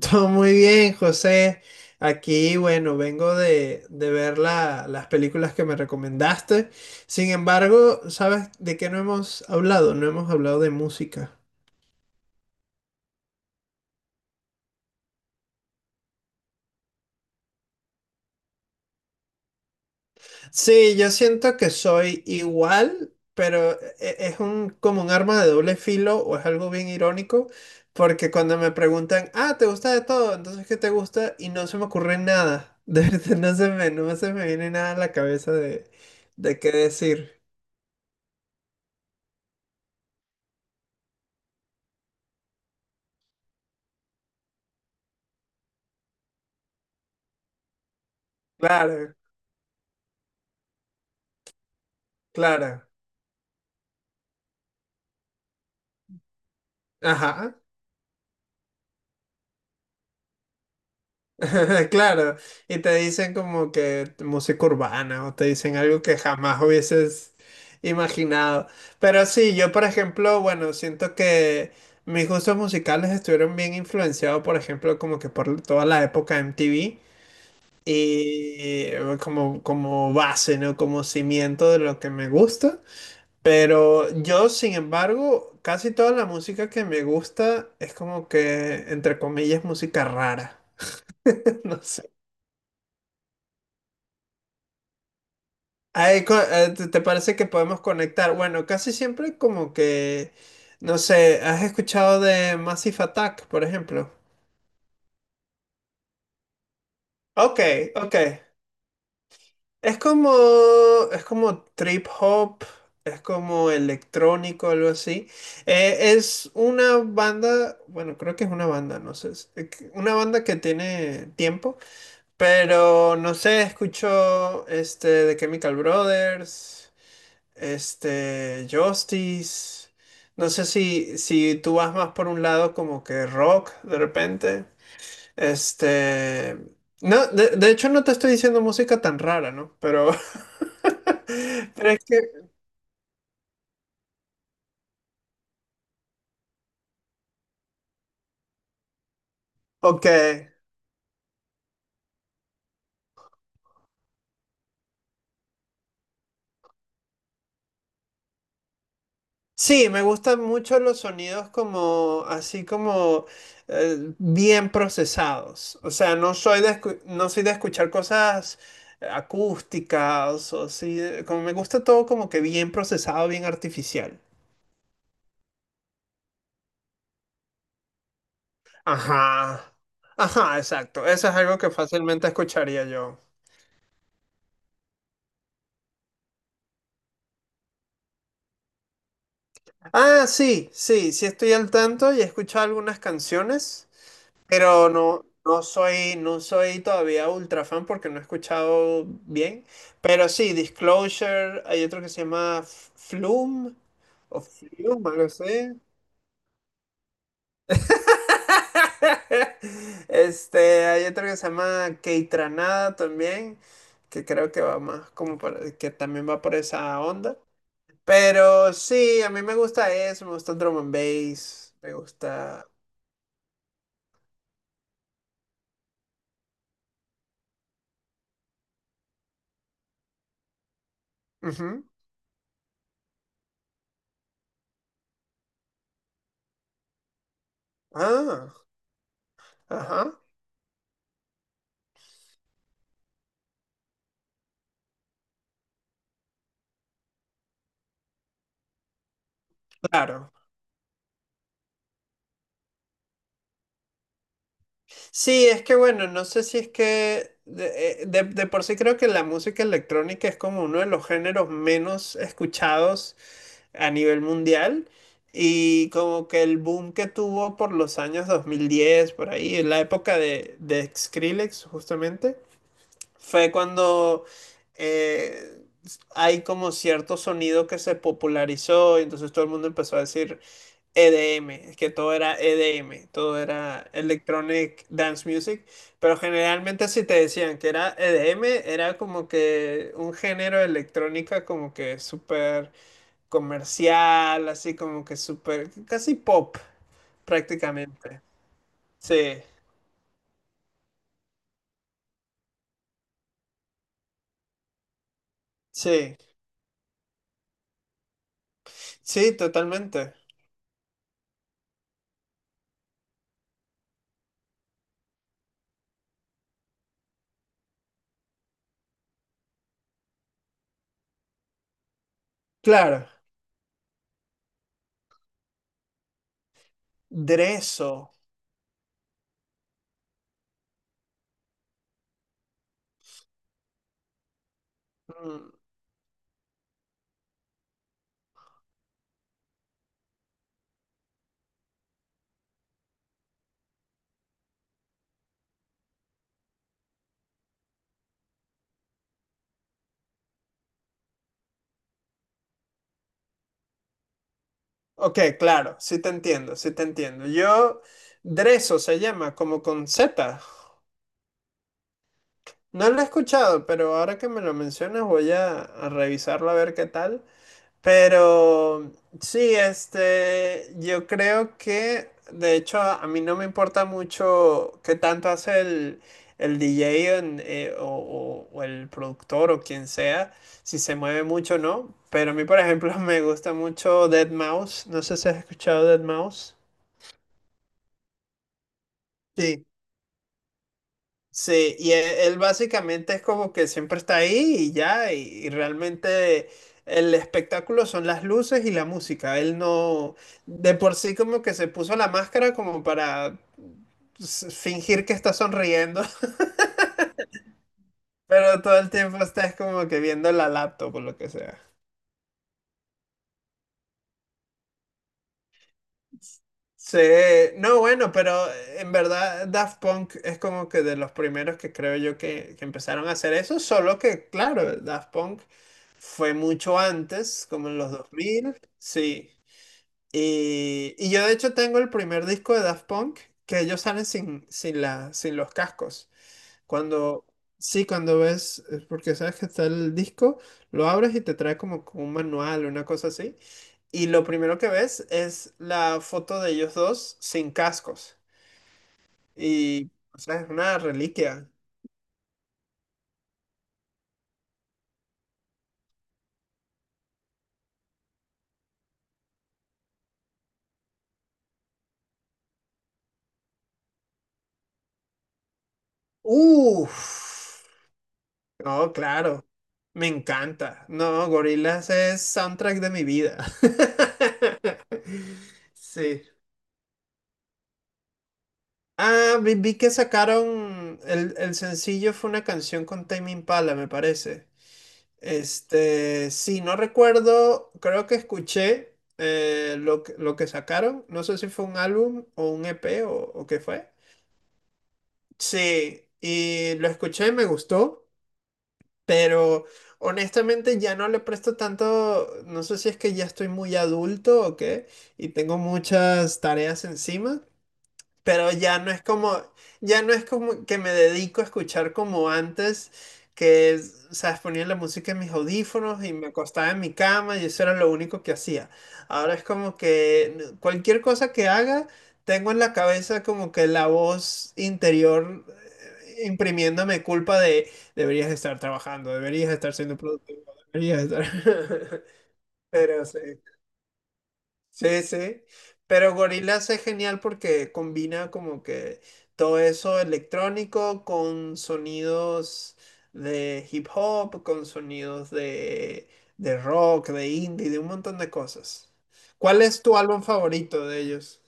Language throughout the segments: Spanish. Todo muy bien, José. Aquí, bueno, vengo de ver las películas que me recomendaste. Sin embargo, ¿sabes de qué no hemos hablado? No hemos hablado de música. Sí, yo siento que soy igual, pero como un arma de doble filo o es algo bien irónico, porque cuando me preguntan, ah, ¿te gusta de todo? Entonces, ¿qué te gusta? Y no se me ocurre nada. De verdad, no se me viene nada a la cabeza de qué decir. Claro. Claro, ajá. Claro, y te dicen como que música urbana o te dicen algo que jamás hubieses imaginado. Pero sí, yo, por ejemplo, bueno, siento que mis gustos musicales estuvieron bien influenciados, por ejemplo, como que por toda la época MTV y como base, ¿no? Como cimiento de lo que me gusta. Pero yo, sin embargo, casi toda la música que me gusta es como que, entre comillas, música rara. No sé. Te parece que podemos conectar? Bueno, casi siempre como que, no sé, ¿has escuchado de Massive Attack, por ejemplo? Ok, ok. Es como, es como trip hop, es como electrónico, algo así. Es una banda, bueno, creo que es una banda, no sé, una banda que tiene tiempo, pero no sé, escucho este de Chemical Brothers. Este, Justice. No sé si tú vas más por un lado como que rock de repente. Este, no, de hecho no te estoy diciendo música tan rara, ¿no? Pero es que, ok. Sí, me gustan mucho los sonidos como, así como bien procesados. O sea, no soy de escuchar cosas acústicas o así. Como me gusta todo como que bien procesado, bien artificial. Ajá. Ajá, exacto. Eso es algo que fácilmente escucharía yo. Ah, sí, sí, sí estoy al tanto y he escuchado algunas canciones. Pero no, no soy todavía ultra fan porque no he escuchado bien. Pero sí, Disclosure, hay otro que se llama Flume o Flume, algo así. Este, hay otro que se llama Keitranada también, que creo que va más como que también va por esa onda. Pero sí, a mí me gusta eso, me gusta el drum and bass, me gusta. Ujú. Ah, ajá, claro. Sí, es que bueno, no sé si es que de por sí creo que la música electrónica es como uno de los géneros menos escuchados a nivel mundial y como que el boom que tuvo por los años 2010 por ahí, en la época de Skrillex justamente, fue cuando eh, hay como cierto sonido que se popularizó y entonces todo el mundo empezó a decir, EDM, es que todo era EDM, todo era Electronic Dance Music, pero generalmente si te decían que era EDM, era como que un género de electrónica como que súper comercial, así como que súper, casi pop prácticamente. Sí, sí, sí, totalmente. Claro, Dreso. Mm, ok, claro, sí te entiendo, sí te entiendo. Dreso se llama como con Z. No lo he escuchado, pero ahora que me lo mencionas voy a revisarlo a ver qué tal. Pero sí, este, yo creo que, de hecho, a mí no me importa mucho qué tanto hace el DJ, o el productor o quien sea, si se mueve mucho o no. Pero a mí, por ejemplo, me gusta mucho Dead Mouse. No sé si has escuchado Dead Mouse. Sí, y él, básicamente es como que siempre está ahí y ya, y realmente el espectáculo son las luces y la música. Él no, de por sí como que se puso la máscara como para fingir que está sonriendo. Pero todo el tiempo estás como que viendo la laptop o lo que sea. Sí, no, bueno, pero en verdad Daft Punk es como que de los primeros que creo yo que empezaron a hacer eso, solo que, claro, Daft Punk fue mucho antes, como en los dos mil, sí. Y yo de hecho tengo el primer disco de Daft Punk, que ellos salen sin los cascos. Cuando, sí, cuando ves, es porque sabes que está el disco, lo abres y te trae como con un manual, una cosa así. Y lo primero que ves es la foto de ellos dos sin cascos. Y, o sea, es una reliquia. Uff, no, claro, me encanta. No, Gorillaz es soundtrack de mi vida. Sí. Ah, vi que sacaron el sencillo, fue una canción con Tame Impala, me parece. Este, sí, no recuerdo, creo que escuché lo que sacaron, no sé si fue un álbum o un EP o qué fue. Sí, y lo escuché, me gustó, pero honestamente ya no le presto tanto, no sé si es que ya estoy muy adulto o qué, y tengo muchas tareas encima, pero ya no es como, que me dedico a escuchar como antes, que, es, sabes, ponía la música en mis audífonos y me acostaba en mi cama y eso era lo único que hacía. Ahora es como que cualquier cosa que haga, tengo en la cabeza como que la voz interior imprimiéndome culpa de deberías estar trabajando, deberías estar siendo productivo, deberías estar... Pero sí. Sí, sí. Pero Gorillaz es genial porque combina como que todo eso electrónico con sonidos de hip hop, con sonidos de rock, de indie, de un montón de cosas. ¿Cuál es tu álbum favorito de ellos?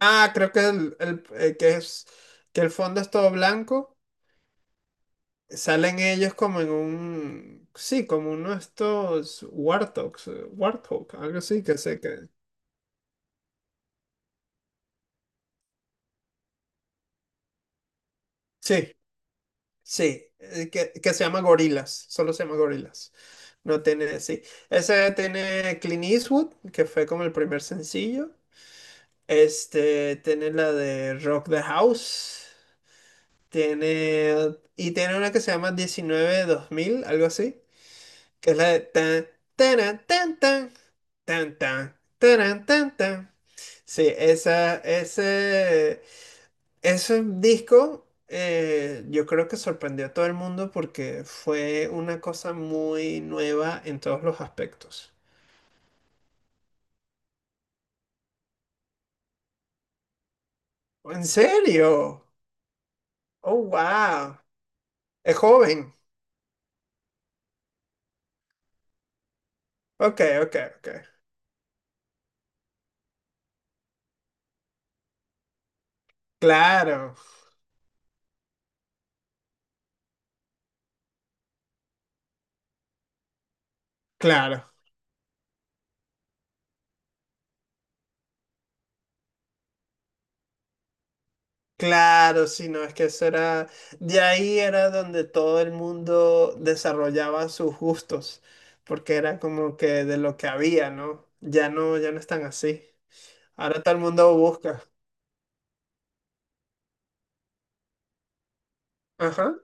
Ah, creo que que es que el fondo es todo blanco. Salen ellos como en un, sí, como uno de estos warthogs, warthog, algo así, que sé que. Sí. Sí, que se llama Gorilas, solo se llama Gorilas. No tiene, sí. Ese tiene Clint Eastwood, que fue como el primer sencillo. Este, tiene la de Rock the House. Tiene una que se llama 19-2000, algo así, que es la de tan, taran, tan, tan, tan, tan, taran, tan, tan. Sí, Ese disco, yo creo que sorprendió a todo el mundo porque fue una cosa muy nueva en todos los aspectos. ¿En serio? Oh, wow. Es joven. Ok, ok, ok. Claro, claro, claro, sí, no, es que eso era, de ahí era donde todo el mundo desarrollaba sus gustos, porque era como que de lo que había, ¿no? Ya no, ya no están así. Ahora todo el mundo busca. Ajá.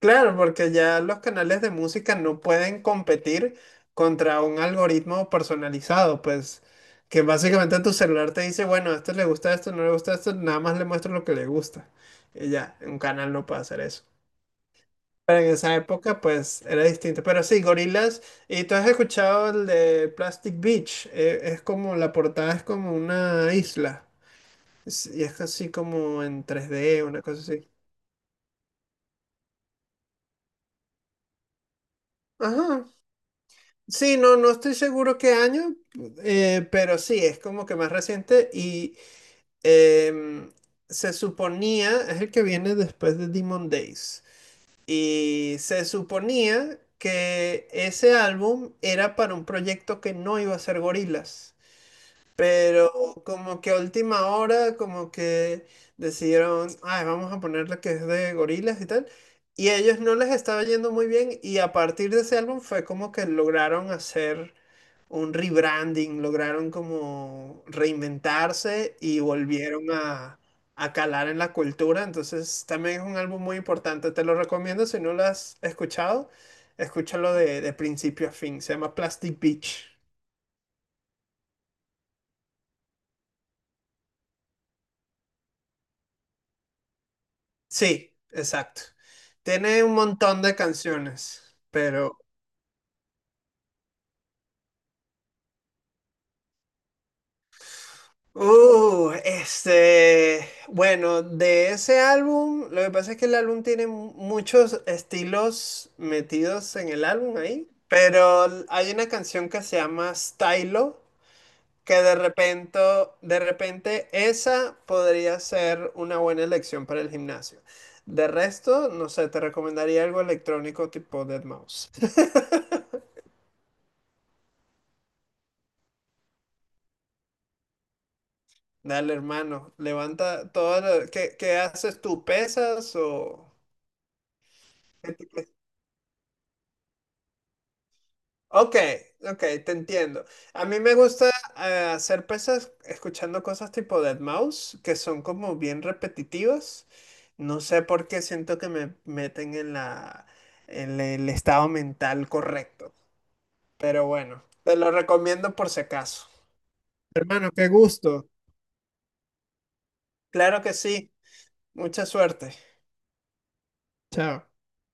Claro, porque ya los canales de música no pueden competir contra un algoritmo personalizado, pues que básicamente tu celular te dice, bueno, a este le gusta esto, no le gusta esto, nada más le muestro lo que le gusta. Y ya, un canal no puede hacer eso. Pero en esa época, pues era distinto. Pero sí, gorilas. Y tú, ¿has escuchado el de Plastic Beach? Es como, la portada es como una isla. Y es así como en 3D, una cosa así. Ajá. Sí, no, no estoy seguro qué año, pero sí, es como que más reciente y em, se suponía, es el que viene después de Demon Days, y se suponía que ese álbum era para un proyecto que no iba a ser gorilas, pero como que a última hora, como que decidieron, ay, vamos a ponerle que es de gorilas y tal. Y a ellos no les estaba yendo muy bien y a partir de ese álbum fue como que lograron hacer un rebranding, lograron como reinventarse y volvieron a calar en la cultura. Entonces también es un álbum muy importante, te lo recomiendo, si no lo has escuchado, escúchalo de principio a fin, se llama Plastic Beach. Sí, exacto. Tiene un montón de canciones, pero... Este... Bueno, de ese álbum, lo que pasa es que el álbum tiene muchos estilos metidos en el álbum ahí, pero hay una canción que se llama Stylo, que de repente esa podría ser una buena elección para el gimnasio. De resto, no sé, te recomendaría algo electrónico tipo deadmau5. Dale, hermano, levanta todo lo... ¿Qué haces tú? ¿Pesas o...? qué te- qué- Ok, ok, te entiendo. A mí me gusta hacer pesas escuchando cosas tipo Deadmau5, que son como bien repetitivas. No sé por qué siento que me meten en la, en el estado mental correcto. Pero bueno, te lo recomiendo por si acaso. Hermano, qué gusto. Claro que sí. Mucha suerte. Chao.